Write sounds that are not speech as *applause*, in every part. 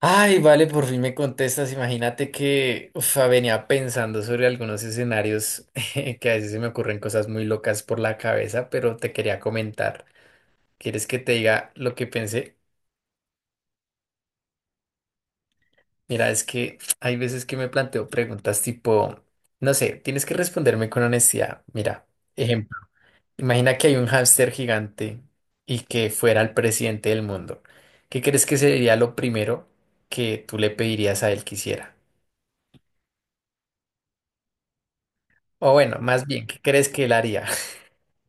Ay, vale, por fin me contestas. Imagínate que uf, venía pensando sobre algunos escenarios *laughs* que a veces se me ocurren cosas muy locas por la cabeza, pero te quería comentar. ¿Quieres que te diga lo que pensé? Mira, es que hay veces que me planteo preguntas tipo, no sé, tienes que responderme con honestidad. Mira, ejemplo, imagina que hay un hámster gigante y que fuera el presidente del mundo. ¿Qué crees que sería lo primero que tú le pedirías a él que hiciera? O bueno, más bien, ¿qué crees que él haría?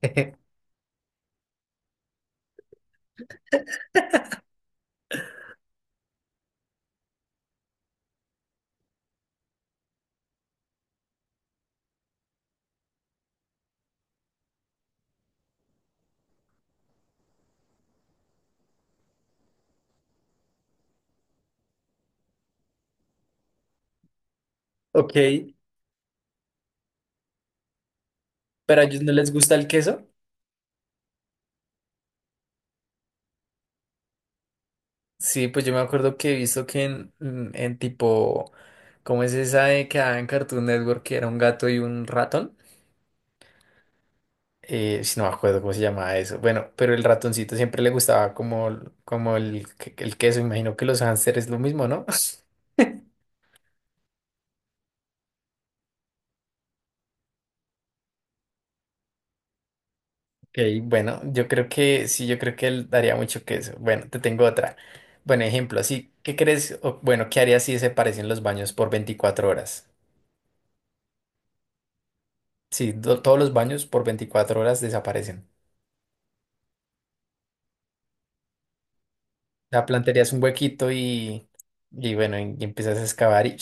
*laughs* Ok, pero a ellos no les gusta el queso. Sí, pues yo me acuerdo que he visto que en tipo, ¿cómo es esa de que daba en Cartoon Network que era un gato y un ratón? Si no me acuerdo cómo se llamaba eso. Bueno, pero el ratoncito siempre le gustaba como el queso. Imagino que los hámsters es lo mismo, ¿no? *laughs* Ok, bueno, yo creo que sí, yo creo que él daría mucho queso. Bueno, te tengo otra. Bueno, ejemplo, así, ¿qué crees? O, bueno, ¿qué harías si desaparecen los baños por 24 horas? Sí, todos los baños por 24 horas desaparecen. La plantearías un huequito y bueno, y empiezas a excavar y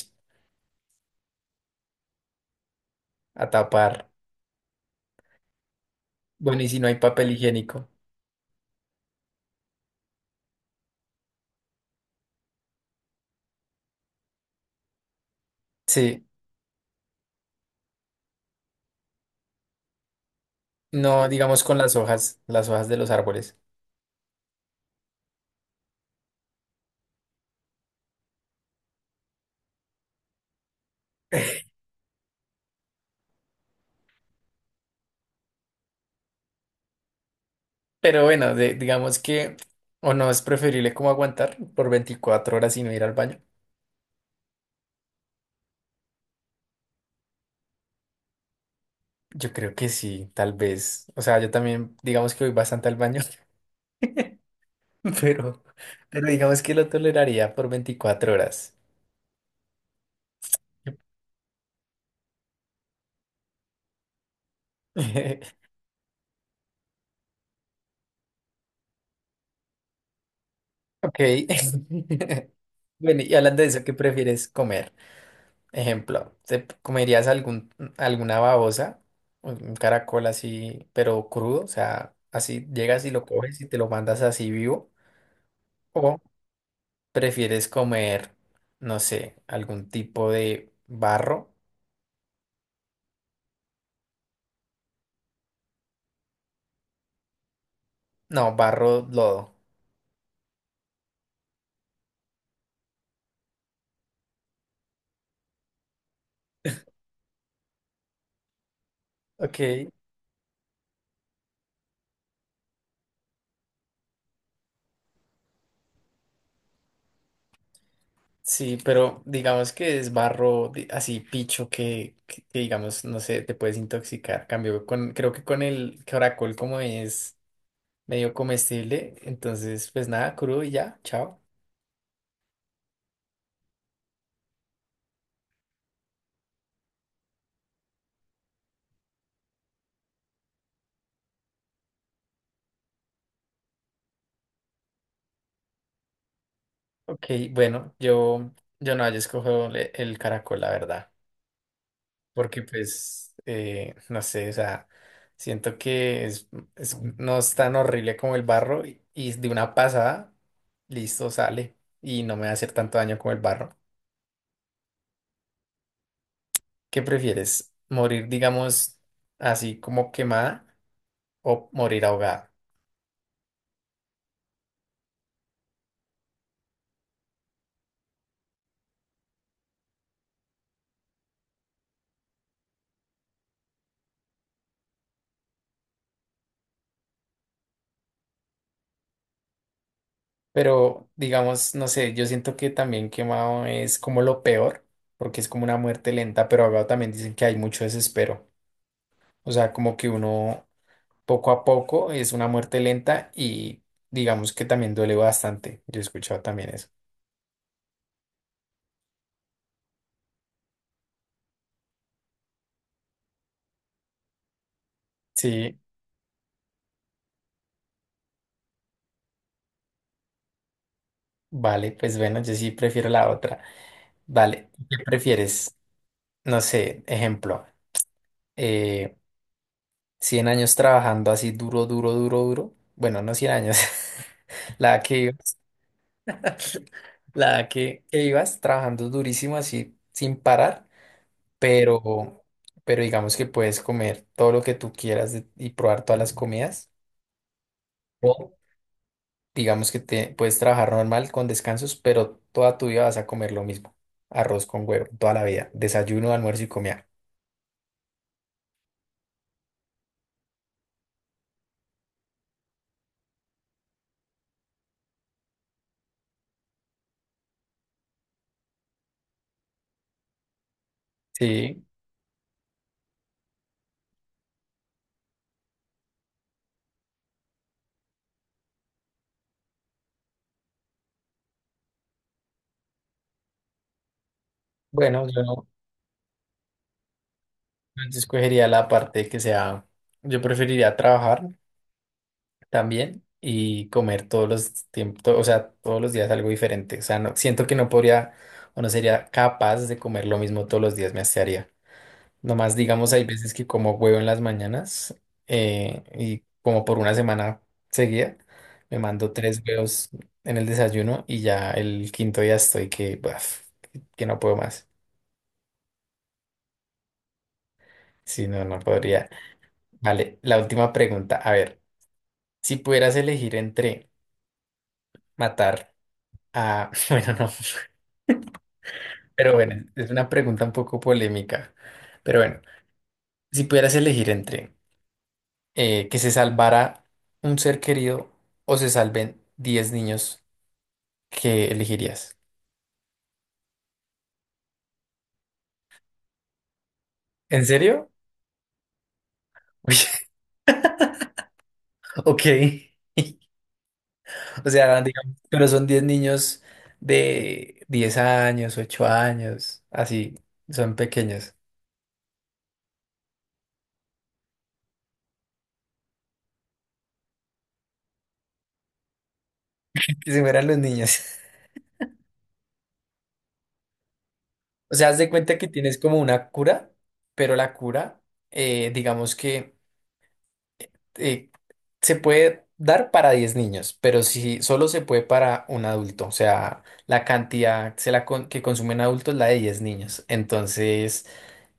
a tapar. Bueno, y si no hay papel higiénico. Sí, no, digamos con las hojas de los árboles. *laughs* Pero bueno, digamos que, o no es preferible como aguantar por 24 horas y no ir al baño. Yo creo que sí, tal vez. O sea, yo también, digamos que voy bastante al baño, *laughs* pero, pero, digamos que lo toleraría por 24 horas. *laughs* Ok. *laughs* Bueno, y hablando de eso, ¿qué prefieres comer? Ejemplo, ¿te comerías algún, alguna babosa, un caracol así, pero crudo? O sea, así llegas y lo coges y te lo mandas así vivo. ¿O prefieres comer, no sé, algún tipo de barro? No, barro, lodo. Ok, sí, pero digamos que es barro así picho que digamos, no sé, te puedes intoxicar. Cambio creo que con el caracol como es medio comestible, entonces pues nada, crudo y ya, chao. Ok, bueno, yo no, yo escojo el caracol, la verdad, porque pues, no sé, o sea, siento que no es tan horrible como el barro y de una pasada, listo, sale y no me va a hacer tanto daño como el barro. ¿Qué prefieres? ¿Morir, digamos, así como quemada o morir ahogada? Pero, digamos, no sé, yo siento que también quemado es como lo peor, porque es como una muerte lenta, pero ahogado también dicen que hay mucho desespero. O sea, como que uno poco a poco es una muerte lenta y digamos que también duele bastante. Yo he escuchado también eso. Sí, vale, pues bueno, yo sí prefiero la otra. Vale, ¿qué prefieres? No sé, ejemplo. eh, 100 años trabajando así duro, duro, duro, duro. Bueno, no 100 años. *laughs* La que ibas, *laughs* la que ibas trabajando durísimo así sin parar, pero, pero digamos que puedes comer todo lo que tú quieras y probar todas las comidas. O digamos que te puedes trabajar normal con descansos, pero toda tu vida vas a comer lo mismo. Arroz con huevo, toda la vida. Desayuno, almuerzo y comida. Sí, bueno, yo, no, yo escogería la parte que sea, yo preferiría trabajar también y comer todos los tiempos, o sea, todos los días algo diferente. O sea, no, siento que no podría o no sería capaz de comer lo mismo todos los días, me hastiaría. Nomás, digamos, hay veces que como huevo en las mañanas y como por una semana seguida, me mando tres huevos en el desayuno y ya el quinto día estoy que, baf, que no puedo más. Si no, no podría. Vale, la última pregunta. A ver, si pudieras elegir entre matar a... *laughs* Bueno, no. Pero bueno, es una pregunta un poco polémica. Pero bueno, si pudieras elegir entre que se salvara un ser querido o se salven 10 niños, ¿qué elegirías? ¿En serio? *laughs* Uy, ok. *laughs* O sea, digamos, pero son 10 niños de 10 años, 8 años, así, son pequeños. *laughs* Que se mueran los niños. *laughs* O sea, haz de cuenta que tienes como una cura, pero la cura, digamos que eh, se puede dar para 10 niños, pero si solo se puede para un adulto, o sea, la cantidad se la que consumen adultos es la de 10 niños. Entonces,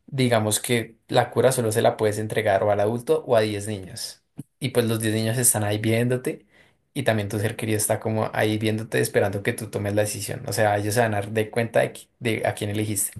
digamos que la cura solo se la puedes entregar o al adulto o a 10 niños. Y pues los 10 niños están ahí viéndote y también tu ser querido está como ahí viéndote esperando que tú tomes la decisión. O sea, ellos se van a dar de cuenta de, de a quién elegiste.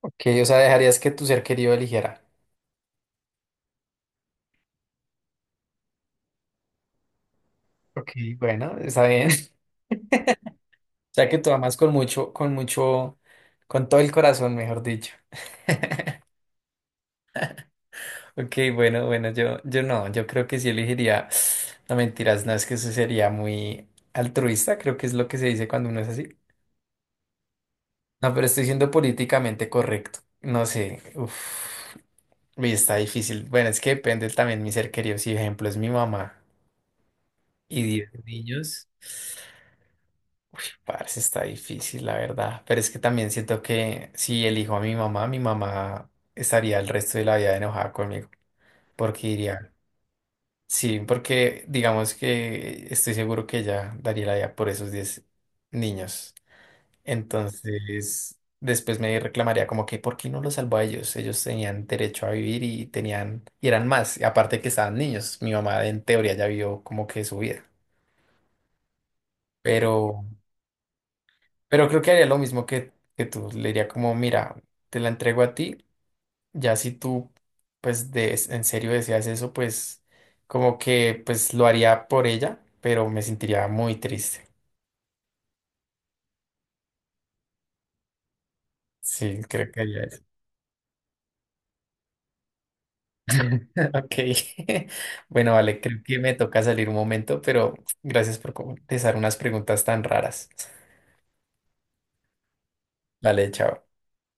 Ok, o sea, dejarías que tu ser querido eligiera. Ok, bueno, está bien. Sea que tú amas con mucho, con mucho, con todo el corazón, mejor dicho. Ok, bueno, bueno, yo no, yo creo que sí elegiría, no mentiras, no es que eso sería muy altruista, creo que es lo que se dice cuando uno es así. No, pero estoy siendo políticamente correcto, no sé, uff, y está difícil. Bueno, es que depende también mi ser querido, si ejemplo es mi mamá y 10 niños. Parce, está difícil, la verdad. Pero es que también siento que si elijo a mi mamá estaría el resto de la vida enojada conmigo. Porque diría, sí, porque digamos que estoy seguro que ella daría la vida por esos 10 niños. Entonces, después me reclamaría como que, ¿por qué no los salvó a ellos? Ellos tenían derecho a vivir y tenían, y eran más. Y aparte que estaban niños, mi mamá en teoría ya vio como que su vida. Pero... Pero creo que haría lo mismo que tú. Le diría como, mira, te la entrego a ti. Ya si tú, pues, en serio deseas eso, pues, como que, pues, lo haría por ella, pero me sentiría muy triste. Sí, creo que haría eso. *laughs* Ok. *laughs* Bueno, vale, creo que me toca salir un momento, pero gracias por contestar unas preguntas tan raras. Vale, chao.